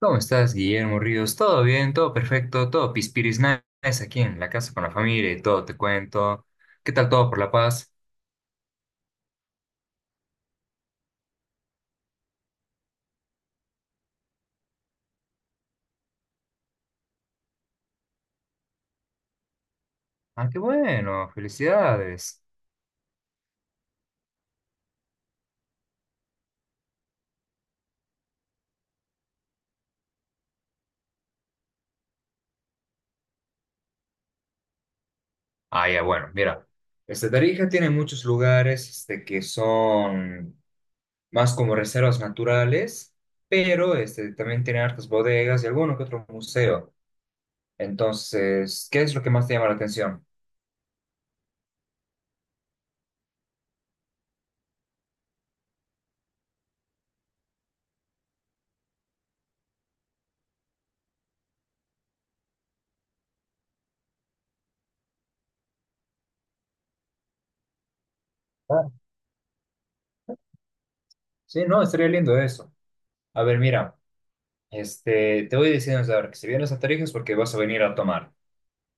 ¿Cómo estás, Guillermo Ríos? ¿Todo bien? ¿Todo perfecto? ¿Todo pispiris nice aquí en la casa con la familia y todo? Te cuento. ¿Qué tal todo por La Paz? Ah, qué bueno. Felicidades. Ah, ya, bueno, mira. Tarija tiene muchos lugares que son más como reservas naturales, pero también tiene hartas bodegas y alguno que otro museo. Entonces, ¿qué es lo que más te llama la atención? Ah, sí, no, estaría lindo eso. A ver, mira. Te voy diciendo desde ahora que si vienes a Tarija es porque vas a venir a tomar,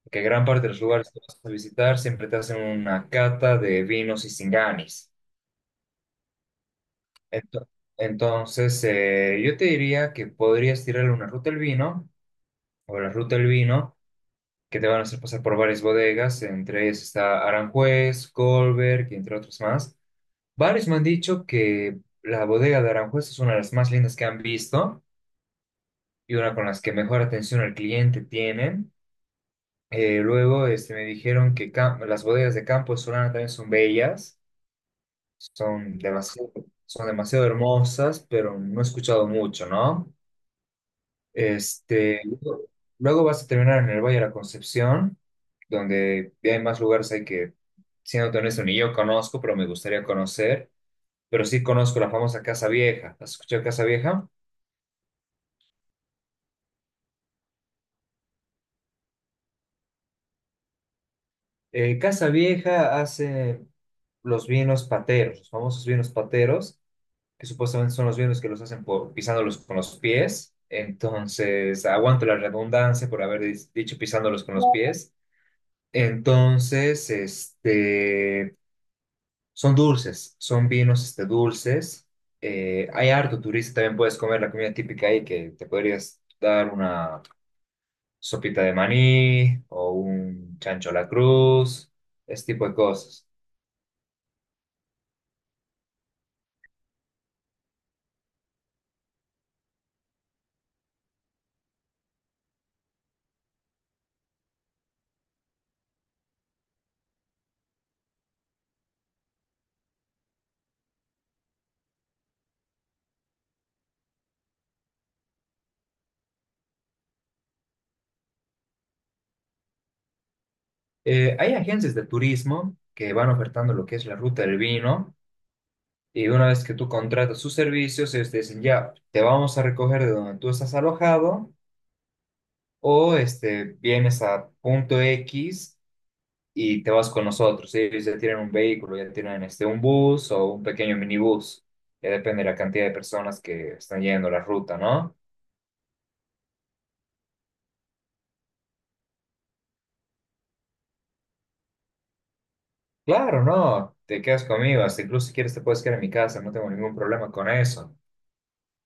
porque gran parte de los lugares que vas a visitar siempre te hacen una cata de vinos y singanis. Ento- Entonces, yo te diría que podrías tirarle una ruta al vino, o la ruta del vino, que te van a hacer pasar por varias bodegas, entre ellas está Aranjuez, Colberg, y entre otros más. Varios me han dicho que la bodega de Aranjuez es una de las más lindas que han visto y una con las que mejor atención al cliente tienen. Luego me dijeron que las bodegas de Campo de Solana también son bellas, son demasiado, son demasiado hermosas, pero no he escuchado mucho, ¿no? Este, luego luego vas a terminar en el Valle de la Concepción, donde hay más lugares ahí que, siendo honesto, ni yo conozco, pero me gustaría conocer. Pero sí conozco la famosa Casa Vieja. ¿Has escuchado Casa Vieja? Casa Vieja hace los vinos pateros, los famosos vinos pateros que supuestamente son los mismos que los hacen por pisándolos con los pies. Entonces, aguanto la redundancia por haber dicho pisándolos con los pies. Entonces, son dulces, son vinos dulces. Hay harto turista, también puedes comer la comida típica ahí, que te podrías dar una sopita de maní o un chancho a la cruz, ese tipo de cosas. Hay agencias de turismo que van ofertando lo que es la ruta del vino. Y una vez que tú contratas sus servicios, ellos te dicen, ya, te vamos a recoger de donde tú estás alojado o vienes a punto X y te vas con nosotros. Ellos ya tienen un vehículo, ya tienen un bus o un pequeño minibús. Ya depende de la cantidad de personas que están yendo la ruta, ¿no? Claro, no, te quedas conmigo. Hasta incluso si quieres te puedes quedar en mi casa, no tengo ningún problema con eso.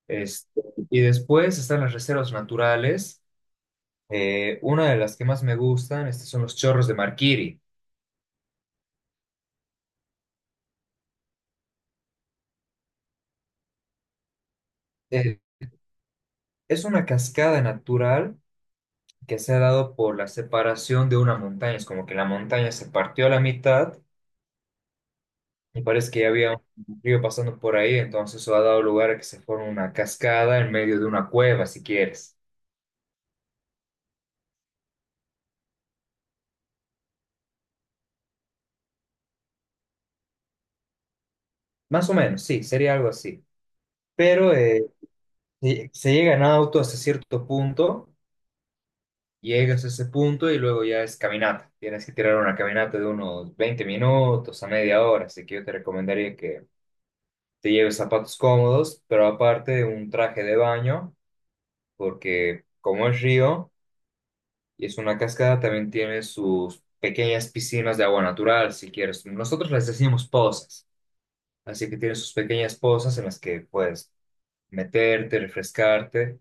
Este, y después están las reservas naturales. Una de las que más me gustan, son los chorros de Marquiri. Eh, es una cascada natural que se ha dado por la separación de una montaña. Es como que la montaña se partió a la mitad y parece que ya había un río pasando por ahí, entonces eso ha dado lugar a que se forme una cascada en medio de una cueva, si quieres. Más o menos, sí, sería algo así. Pero se llega en auto hasta cierto punto, llegas a ese punto y luego ya es caminata. Tienes que tirar una caminata de unos 20 minutos a media hora, así que yo te recomendaría que te lleves zapatos cómodos, pero aparte un traje de baño, porque como es río y es una cascada, también tiene sus pequeñas piscinas de agua natural, si quieres. Nosotros les decimos pozas, así que tiene sus pequeñas pozas en las que puedes meterte, refrescarte,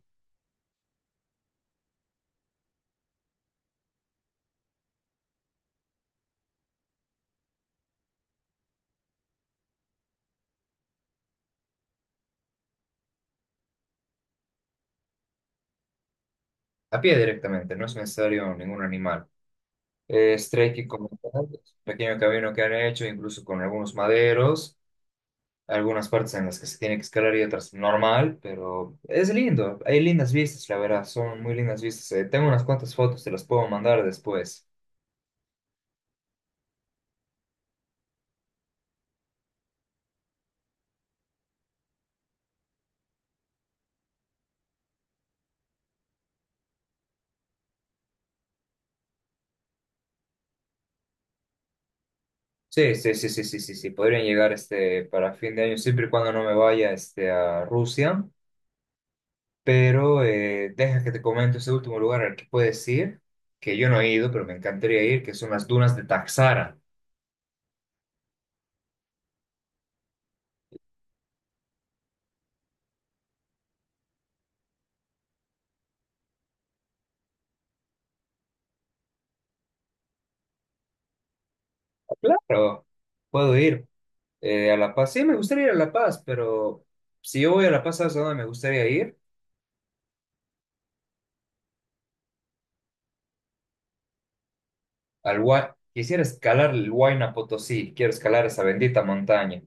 a pie directamente, no es necesario ningún animal. Es trekking como tal, es un pequeño camino que han hecho, incluso con algunos maderos. Algunas partes en las que se tiene que escalar y otras normal, pero es lindo. Hay lindas vistas, la verdad, son muy lindas vistas. Tengo unas cuantas fotos, te las puedo mandar después. Sí, sí, sí, sí, sí, sí, sí, podrían llegar para fin de año, siempre y cuando no me vaya a Rusia, pero deja que te comento ese último lugar al que puedes ir, que yo no he ido, pero me encantaría ir, que son las dunas de Taxara. Claro, puedo ir a La Paz. Sí, me gustaría ir a La Paz, pero si yo voy a La Paz, ¿sabes a dónde me gustaría ir? Quisiera escalar el Huayna Potosí, quiero escalar esa bendita montaña.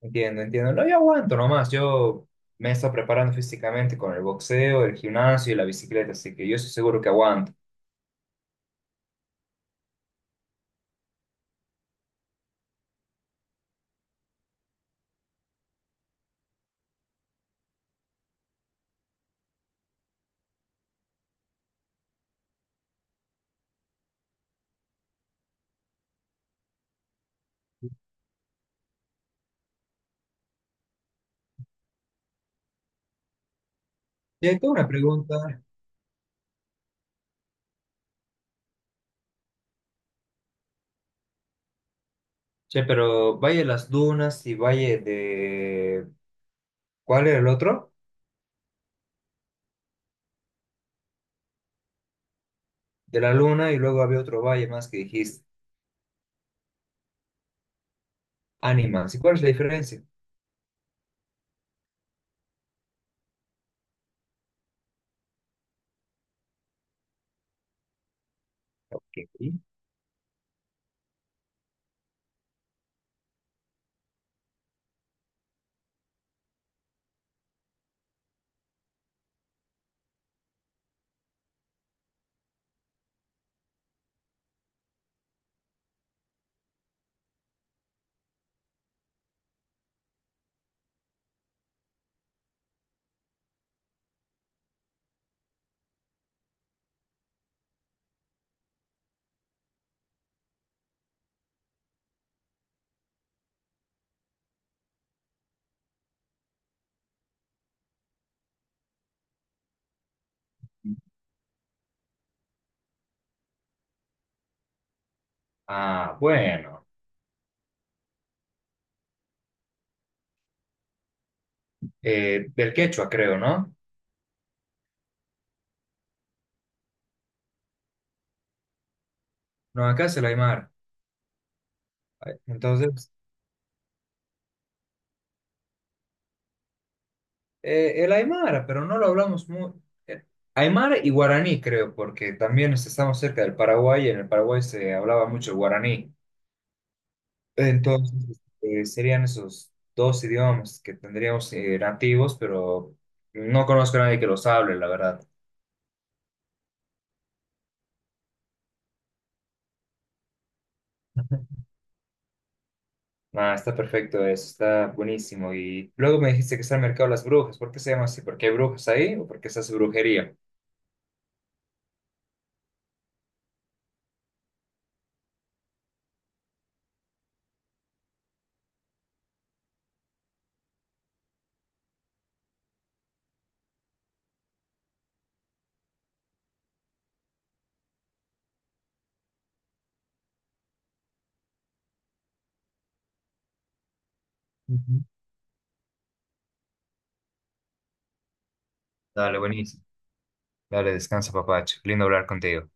Entiendo, entiendo. No, yo aguanto nomás. Yo me estoy preparando físicamente con el boxeo, el gimnasio y la bicicleta, así que yo estoy seguro que aguanto. Che, tengo una pregunta. Che, pero Valle de las Dunas y Valle de... ¿Cuál era el otro? De la Luna y luego había otro valle más que dijiste. Ánimas. ¿Y cuál es la diferencia? Ok. Ah, bueno. Del quechua, creo, ¿no? No, acá es el Aymara. Entonces, el Aymara, pero no lo hablamos muy. eh, Aymara y guaraní, creo, porque también estamos cerca del Paraguay y en el Paraguay se hablaba mucho guaraní. Entonces, serían esos dos idiomas que tendríamos nativos, pero no conozco a nadie que los hable, la verdad. Ah, está perfecto eso, está buenísimo. Y luego me dijiste que está el mercado de las brujas. ¿Por qué se llama así? ¿Porque hay brujas ahí o porque se hace brujería? Ujú. Dale, buenísimo. Dale, descansa, papacho. Lindo hablar contigo.